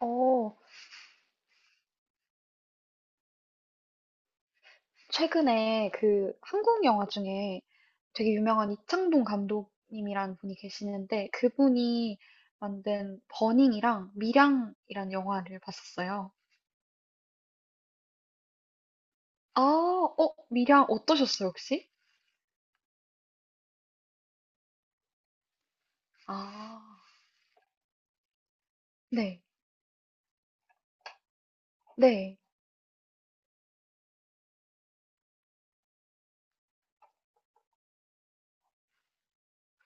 어, 최근에 그 한국 영화 중에 되게 유명한 이창동 감독님이란 분이 계시는데 그분이 만든 버닝이랑 미량이란 영화를 봤었어요. 아, 미량 어떠셨어요, 혹시? 아, 네, 네,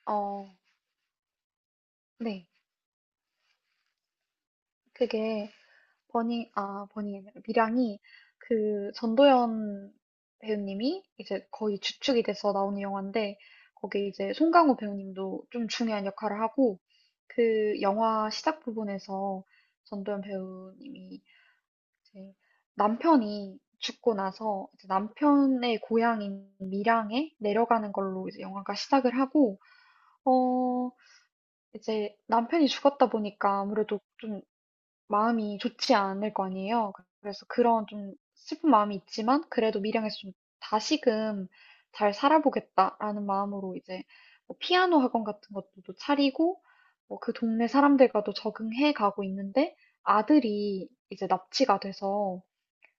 어, 네. 그게 버닝, 아, 버닝이 아니라 밀양이 그 전도연 배우님이 이제 거의 주축이 돼서 나오는 영화인데 거기 이제 송강호 배우님도 좀 중요한 역할을 하고 그 영화 시작 부분에서 전도연 배우님이 이제 남편이 죽고 나서 이제 남편의 고향인 밀양에 내려가는 걸로 이제 영화가 시작을 하고 어 이제 남편이 죽었다 보니까 아무래도 좀 마음이 좋지 않을 거 아니에요. 그래서 그런 좀 슬픈 마음이 있지만 그래도 밀양에서 좀 다시금 잘 살아보겠다라는 마음으로 이제 뭐 피아노 학원 같은 것도 또 차리고 뭐 그 동네 사람들과도 적응해 가고 있는데 아들이 이제 납치가 돼서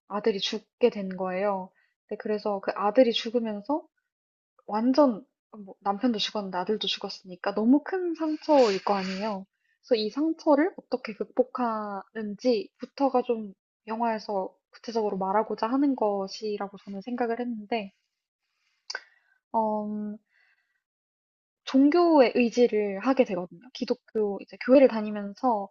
아들이 죽게 된 거예요. 근데 그래서 그 아들이 죽으면서 완전 뭐 남편도 죽었는데 아들도 죽었으니까 너무 큰 상처일 거 아니에요. 그래서 이 상처를 어떻게 극복하는지부터가 좀 영화에서 구체적으로 말하고자 하는 것이라고 저는 생각을 했는데, 음, 종교의 의지를 하게 되거든요. 기독교 이제 교회를 다니면서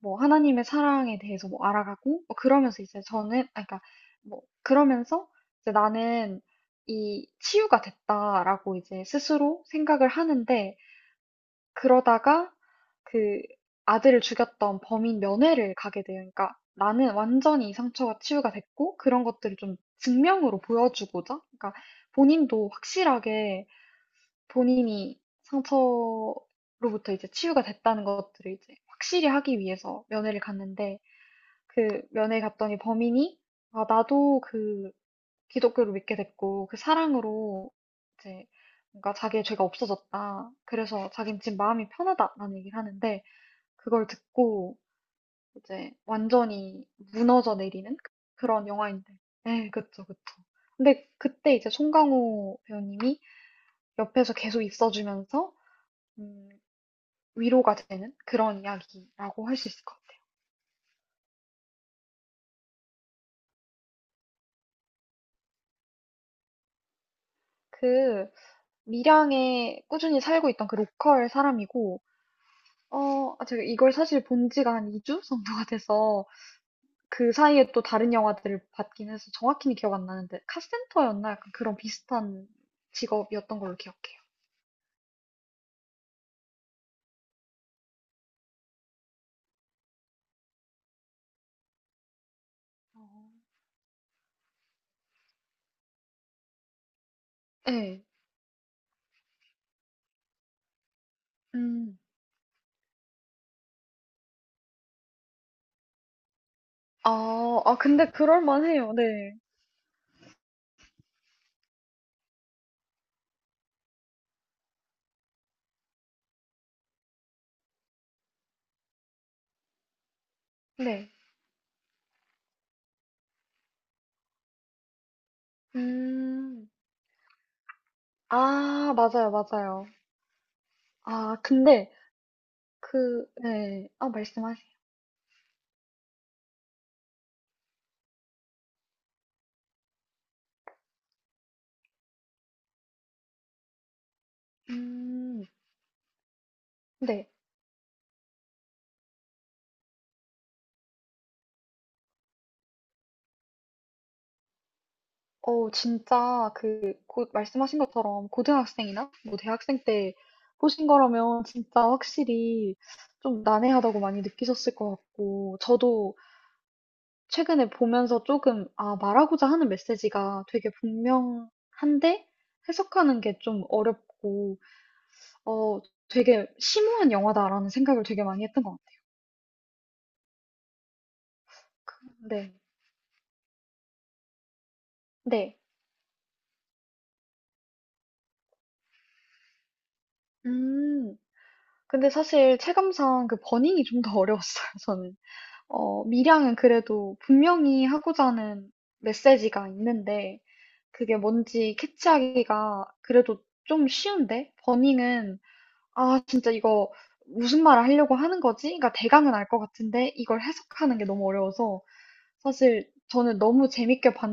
뭐 하나님의 사랑에 대해서 뭐 알아가고 뭐 그러면서 이제 저는 아 그러니까 뭐 그러면서 이제 나는 이 치유가 됐다라고 이제 스스로 생각을 하는데 그러다가 그 아들을 죽였던 범인 면회를 가게 돼요. 그러니까 나는 완전히 이 상처가 치유가 됐고 그런 것들을 좀 증명으로 보여주고자. 그러니까 본인도 확실하게 본인이 상처로부터 이제 치유가 됐다는 것들을 이제 확실히 하기 위해서 면회를 갔는데 그 면회 갔더니 범인이 아, 나도 그 기독교를 믿게 됐고 그 사랑으로 이제 뭔가 자기의 죄가 없어졌다. 그래서 자긴 지금 마음이 편하다라는 얘기를 하는데 그걸 듣고 이제 완전히 무너져 내리는 그런 영화인데. 네, 그쵸, 그쵸. 근데 그때 이제 송강호 배우님이 옆에서 계속 있어주면서 음, 위로가 되는 그런 이야기라고 할 수 있을 것 같아요. 그 밀양에 꾸준히 살고 있던 그 로컬 사람이고 아, 제가 이걸 사실 본 지가 한 2주 정도가 돼서 그 사이에 또 다른 영화들을 봤긴 해서 정확히는 기억 안 나는데 카센터였나? 약간 그런 비슷한 직업이었던 걸로 기억해요. 어, 네. 음. 아, 아, 근데 그럴 만해요. 네. 네. 음. 아, 맞아요, 맞아요. 아, 근데 그, 네. 아, 말씀하세요. 음. 네. 진짜 그 곧 말씀하신 것처럼 고등학생이나 뭐 대학생 때 보신 거라면 진짜 확실히 좀 난해하다고 많이 느끼셨을 것 같고 저도 최근에 보면서 조금 아, 말하고자 하는 메시지가 되게 분명한데 해석하는 게 좀 어렵고 어, 되게 심오한 영화다라는 생각을 되게 많이 했던 것 같아요. 근데 네. 네. 음. 근데 사실 체감상 그 버닝이 좀 더 어려웠어요, 저는. 미량은 그래도 분명히 하고자 하는 메시지가 있는데 그게 뭔지 캐치하기가 그래도 좀 쉬운데 버닝은 아 진짜 이거 무슨 말을 하려고 하는 거지? 그러니까 대강은 알 것 같은데 이걸 해석하는 게 너무 어려워서 사실 저는 너무 재밌게 봤,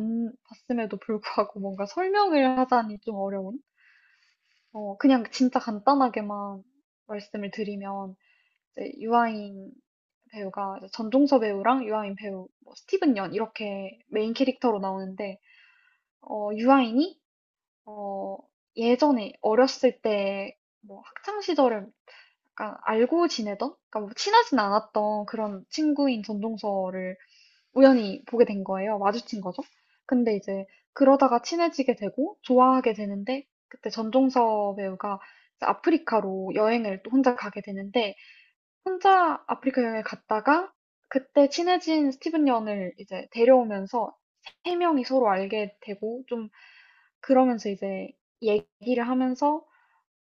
음에도 불구하고 뭔가 설명을 하자니 좀 어려운? 그냥 진짜 간단하게만 말씀을 드리면 이제 유아인 배우가 이제 전종서 배우랑 유아인 배우, 뭐 스티븐 연 이렇게 메인 캐릭터로 나오는데 유아인이 어, 예전에 어렸을 때 뭐 학창 시절을 약간 알고 지내던, 그러니까 뭐 친하진 않았던 그런 친구인 전종서를 우연히 보게 된 거예요. 마주친 거죠. 근데 이제 그러다가 친해지게 되고 좋아하게 되는데 그때 전종서 배우가 이제 아프리카로 여행을 또 혼자 가게 되는데 혼자 아프리카 여행을 갔다가 그때 친해진 스티븐 연을 이제 데려오면서 세 명이 서로 알게 되고 좀 그러면서 이제 얘기를 하면서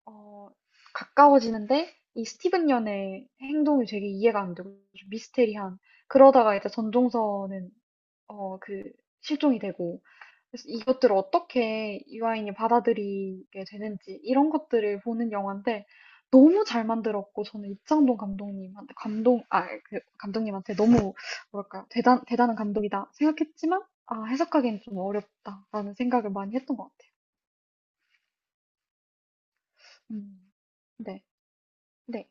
어, 가까워지는데 이 스티븐 연의 행동이 되게 이해가 안 되고 좀 미스테리한 그러다가 이제 전종서는 그 실종이 되고 그래서 이것들을 어떻게 유아인이 받아들이게 되는지 이런 것들을 보는 영화인데 너무 잘 만들었고 저는 이창동 감독님한테 감동 아 그 감독님한테 너무 뭐랄까 대단한 감독이다 생각했지만 아 해석하기엔 좀 어렵다라는 생각을 많이 했던 것 같아요. 음, 네, 네,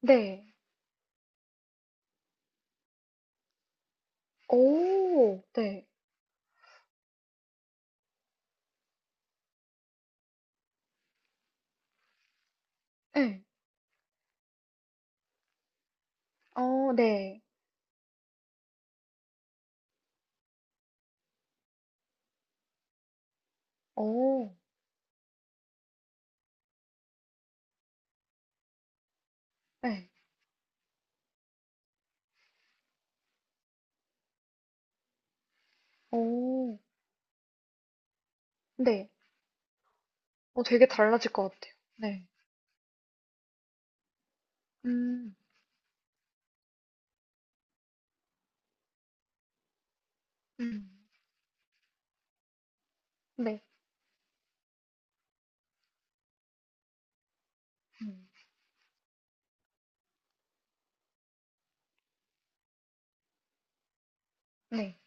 네, 오, 네, 네, 어, 네, 오, 네, 오, 네, 어, 되게 달라질 것 같아요. 네. 음. 음. 네. 음. 네.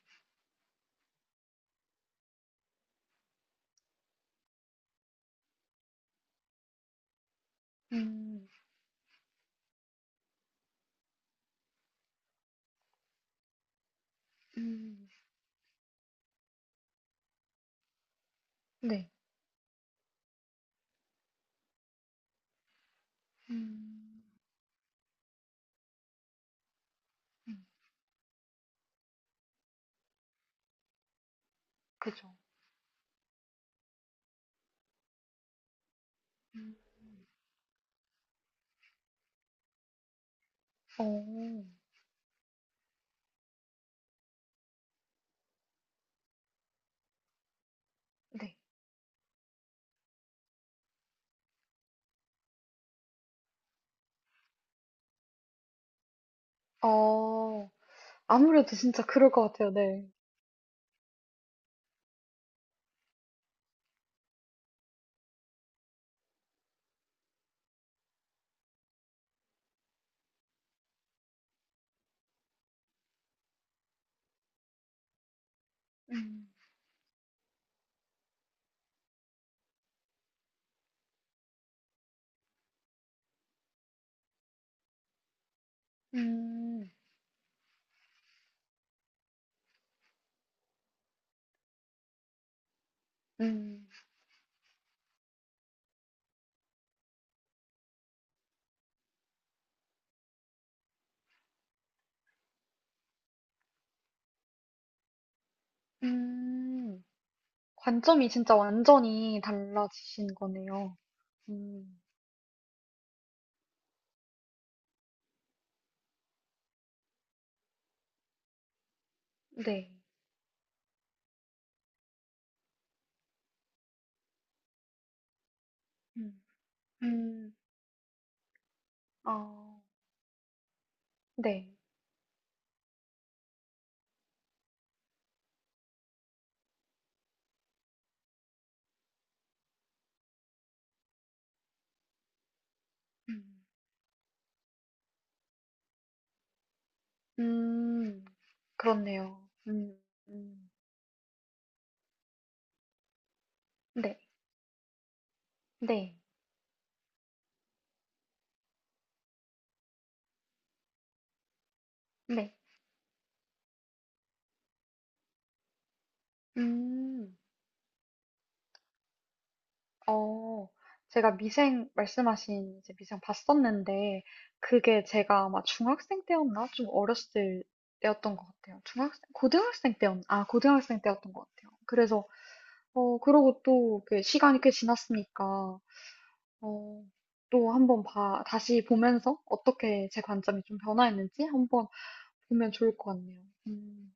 음. 음. 네. 음. 음. 그죠. 음. 어. 네. 어. 아무래도 진짜 그럴 것 같아요. 네. 음. 음. 음. 음. 관점이 진짜 완전히 달라지신 거네요. 음. 네. 음. 음. 아. 네. 음. 음. 그렇네요. 음. 음. 네. 네. 네. 음, 어, 제가 미생, 말씀하신 이제 미생 봤었는데, 그게 제가 아마 중학생 때였나? 좀 어렸을 때였던 것 같아요. 중학생, 고등학생 때였던 것 같아요. 그래서, 그러고 또, 그 시간이 꽤 지났으니까, 어, 또 한번 다시 보면서 어떻게 제 관점이 좀 변화했는지 한번 보면 좋을 것 같네요. 음,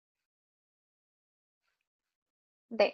네.